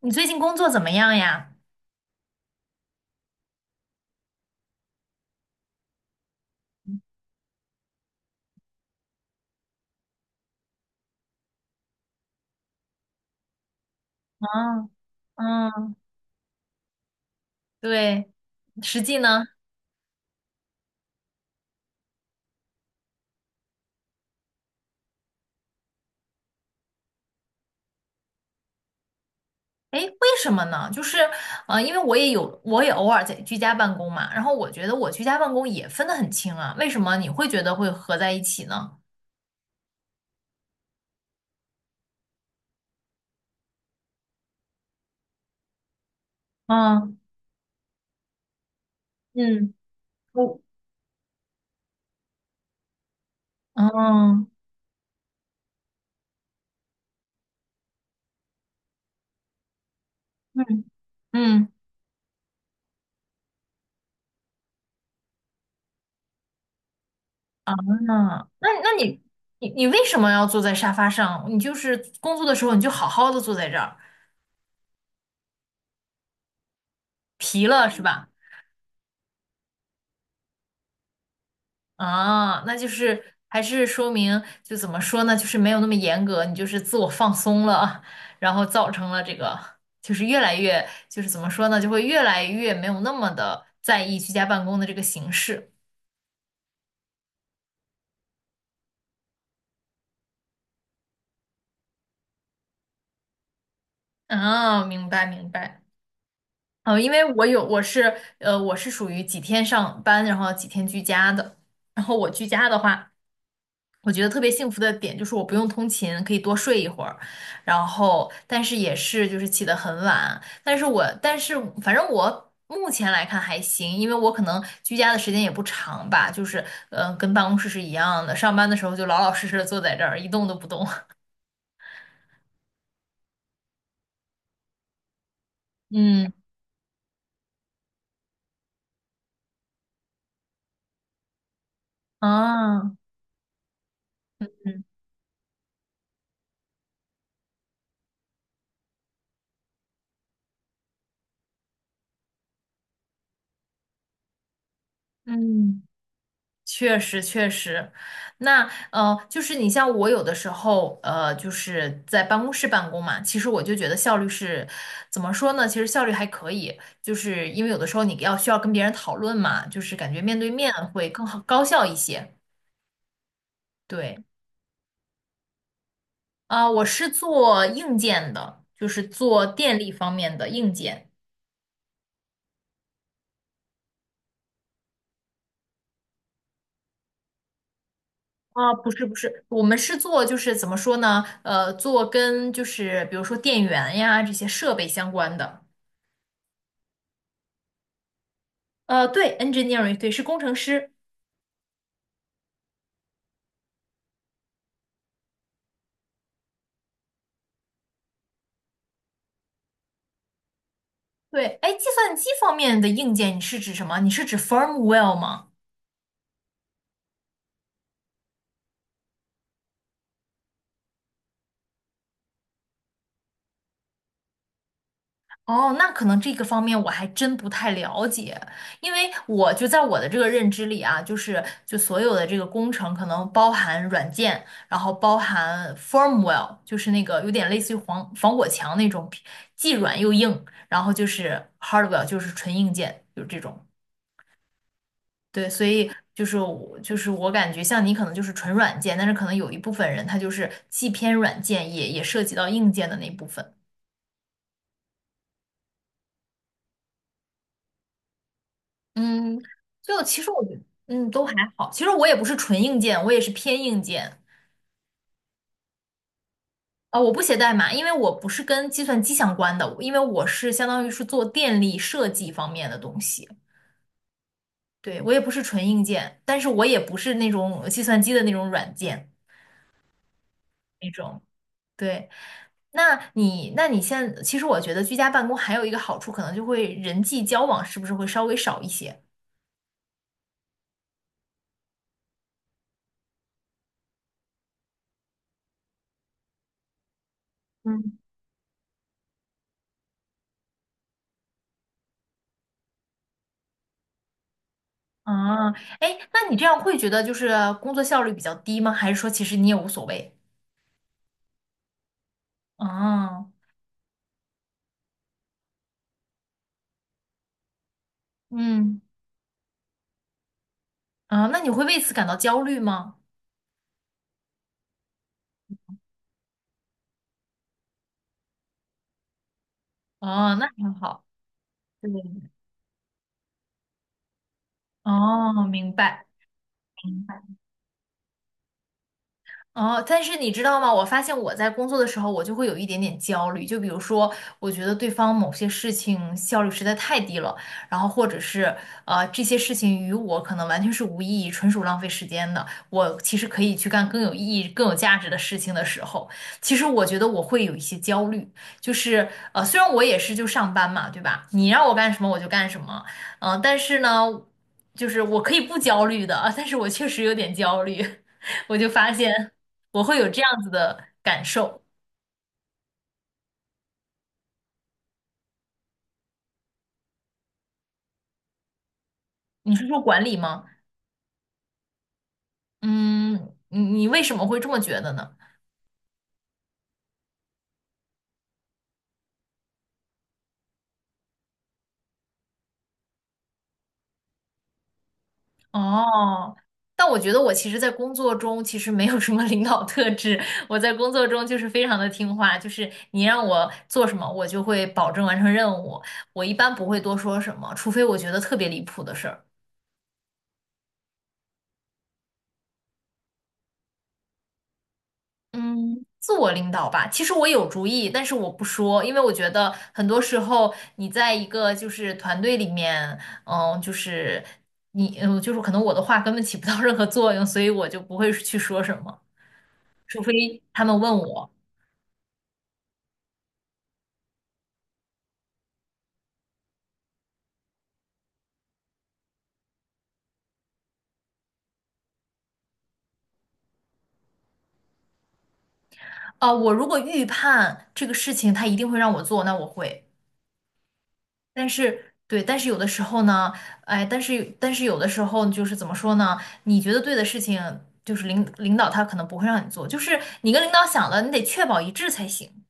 你最近工作怎么样呀？嗯嗯，对，实际呢？诶，为什么呢？就是，因为我也偶尔在居家办公嘛，然后我觉得我居家办公也分得很清啊，为什么你会觉得会合在一起呢？嗯嗯，我嗯嗯嗯嗯，那你为什么要坐在沙发上？你就是工作的时候你就好好的坐在这儿，疲了是吧？啊，那就是还是说明，就怎么说呢，就是没有那么严格，你就是自我放松了啊，然后造成了这个，就是越来越，就是怎么说呢，就会越来越没有那么的在意居家办公的这个形式。啊，明白明白。哦，因为我有，我是属于几天上班，然后几天居家的。然后我居家的话，我觉得特别幸福的点就是我不用通勤，可以多睡一会儿，然后但是也是就是起得很晚，但是反正我目前来看还行，因为我可能居家的时间也不长吧，就是跟办公室是一样的，上班的时候就老老实实的坐在这儿一动都不动。嗯，啊，嗯嗯。确实确实，那就是你像我有的时候，就是在办公室办公嘛，其实我就觉得效率是怎么说呢？其实效率还可以，就是因为有的时候你要需要跟别人讨论嘛，就是感觉面对面会更好高效一些。对，啊、我是做硬件的，就是做电力方面的硬件。啊，不是不是，我们是做就是怎么说呢？做跟就是比如说电源呀这些设备相关的。对，engineering，对，是工程师。对，哎，计算机方面的硬件，你是指什么？你是指 firmware 吗？哦，那可能这个方面我还真不太了解，因为我就在我的这个认知里啊，就是就所有的这个工程可能包含软件，然后包含 firmware,就是那个有点类似于防火墙那种，既软又硬，然后就是 hardware,就是纯硬件，就是这种。对，所以就是我感觉像你可能就是纯软件，但是可能有一部分人他就是既偏软件也涉及到硬件的那部分。嗯，就其实我觉得都还好。其实我也不是纯硬件，我也是偏硬件。啊、我不写代码，因为我不是跟计算机相关的，因为我是相当于是做电力设计方面的东西。对，我也不是纯硬件，但是我也不是那种计算机的那种软件那种。对，那你，那你现其实我觉得居家办公还有一个好处，可能就会人际交往是不是会稍微少一些？嗯。啊，哎，那你这样会觉得就是工作效率比较低吗？还是说其实你也无所谓？啊，嗯，啊，那你会为此感到焦虑吗？哦，那很好。对，哦，明白。哦，但是你知道吗？我发现我在工作的时候，我就会有一点点焦虑。就比如说，我觉得对方某些事情效率实在太低了，然后或者是这些事情与我可能完全是无意义，纯属浪费时间的。我其实可以去干更有意义、更有价值的事情的时候，其实我觉得我会有一些焦虑。就是虽然我也是就上班嘛，对吧？你让我干什么我就干什么，但是呢，就是我可以不焦虑的，但是我确实有点焦虑，我就发现。我会有这样子的感受。你是说管理吗？嗯，你为什么会这么觉得呢？哦，但我觉得我其实，在工作中其实没有什么领导特质。我在工作中就是非常的听话，就是你让我做什么，我就会保证完成任务。我一般不会多说什么，除非我觉得特别离谱的事儿。嗯，自我领导吧。其实我有主意，但是我不说，因为我觉得很多时候你在一个就是团队里面，就是你，就是可能我的话根本起不到任何作用，所以我就不会去说什么，除非他们问我。啊。我如果预判这个事情他一定会让我做，那我会。但是对，但是有的时候呢，哎，但是有的时候就是怎么说呢？你觉得对的事情，就是领导他可能不会让你做，就是你跟领导想了，你得确保一致才行。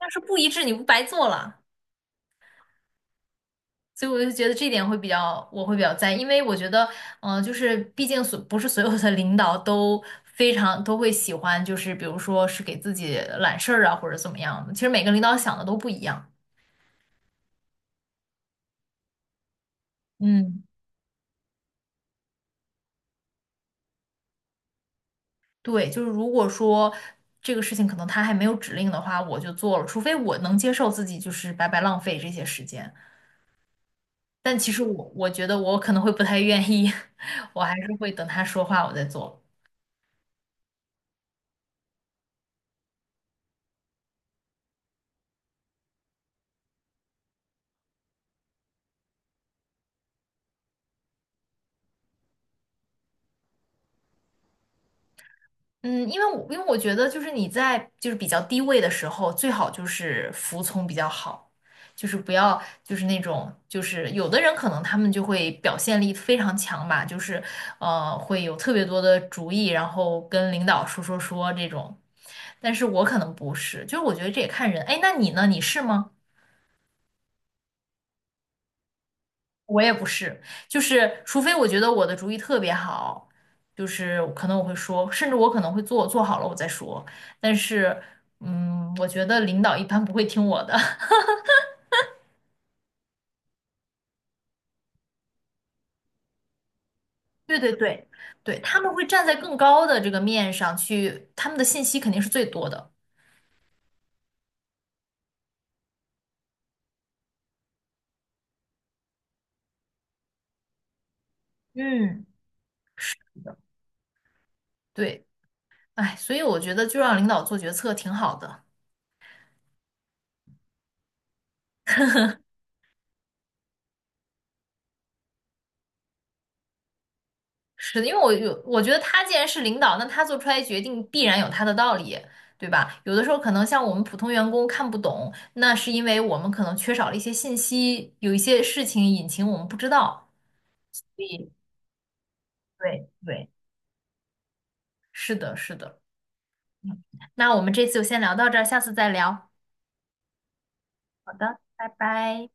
要是不一致，你不白做了。所以我就觉得这点会比较，我会比较在意，因为我觉得，就是毕竟所不是所有的领导都非常都会喜欢，就是比如说是给自己揽事儿啊，或者怎么样的。其实每个领导想的都不一样。嗯。对，就是如果说这个事情可能他还没有指令的话，我就做了，除非我能接受自己就是白白浪费这些时间。但其实我觉得我可能会不太愿意，我还是会等他说话我再做。嗯，因为我觉得就是你在就是比较低位的时候，最好就是服从比较好，就是不要就是那种就是有的人可能他们就会表现力非常强吧，就是会有特别多的主意，然后跟领导说这种，但是我可能不是，就是我觉得这也看人。哎，那你呢？你是吗？我也不是，就是除非我觉得我的主意特别好，就是可能我会说，甚至我可能会做，做好了我再说。但是，嗯，我觉得领导一般不会听我的。对对对，对，他们会站在更高的这个面上去，他们的信息肯定是最多的。嗯，对，哎，所以我觉得就让领导做决策挺好的。是的，因为我有，我觉得他既然是领导，那他做出来决定必然有他的道理，对吧？有的时候可能像我们普通员工看不懂，那是因为我们可能缺少了一些信息，有一些事情隐情我们不知道。所以，对对，是的，是的。嗯，那我们这次就先聊到这儿，下次再聊。好的，拜拜。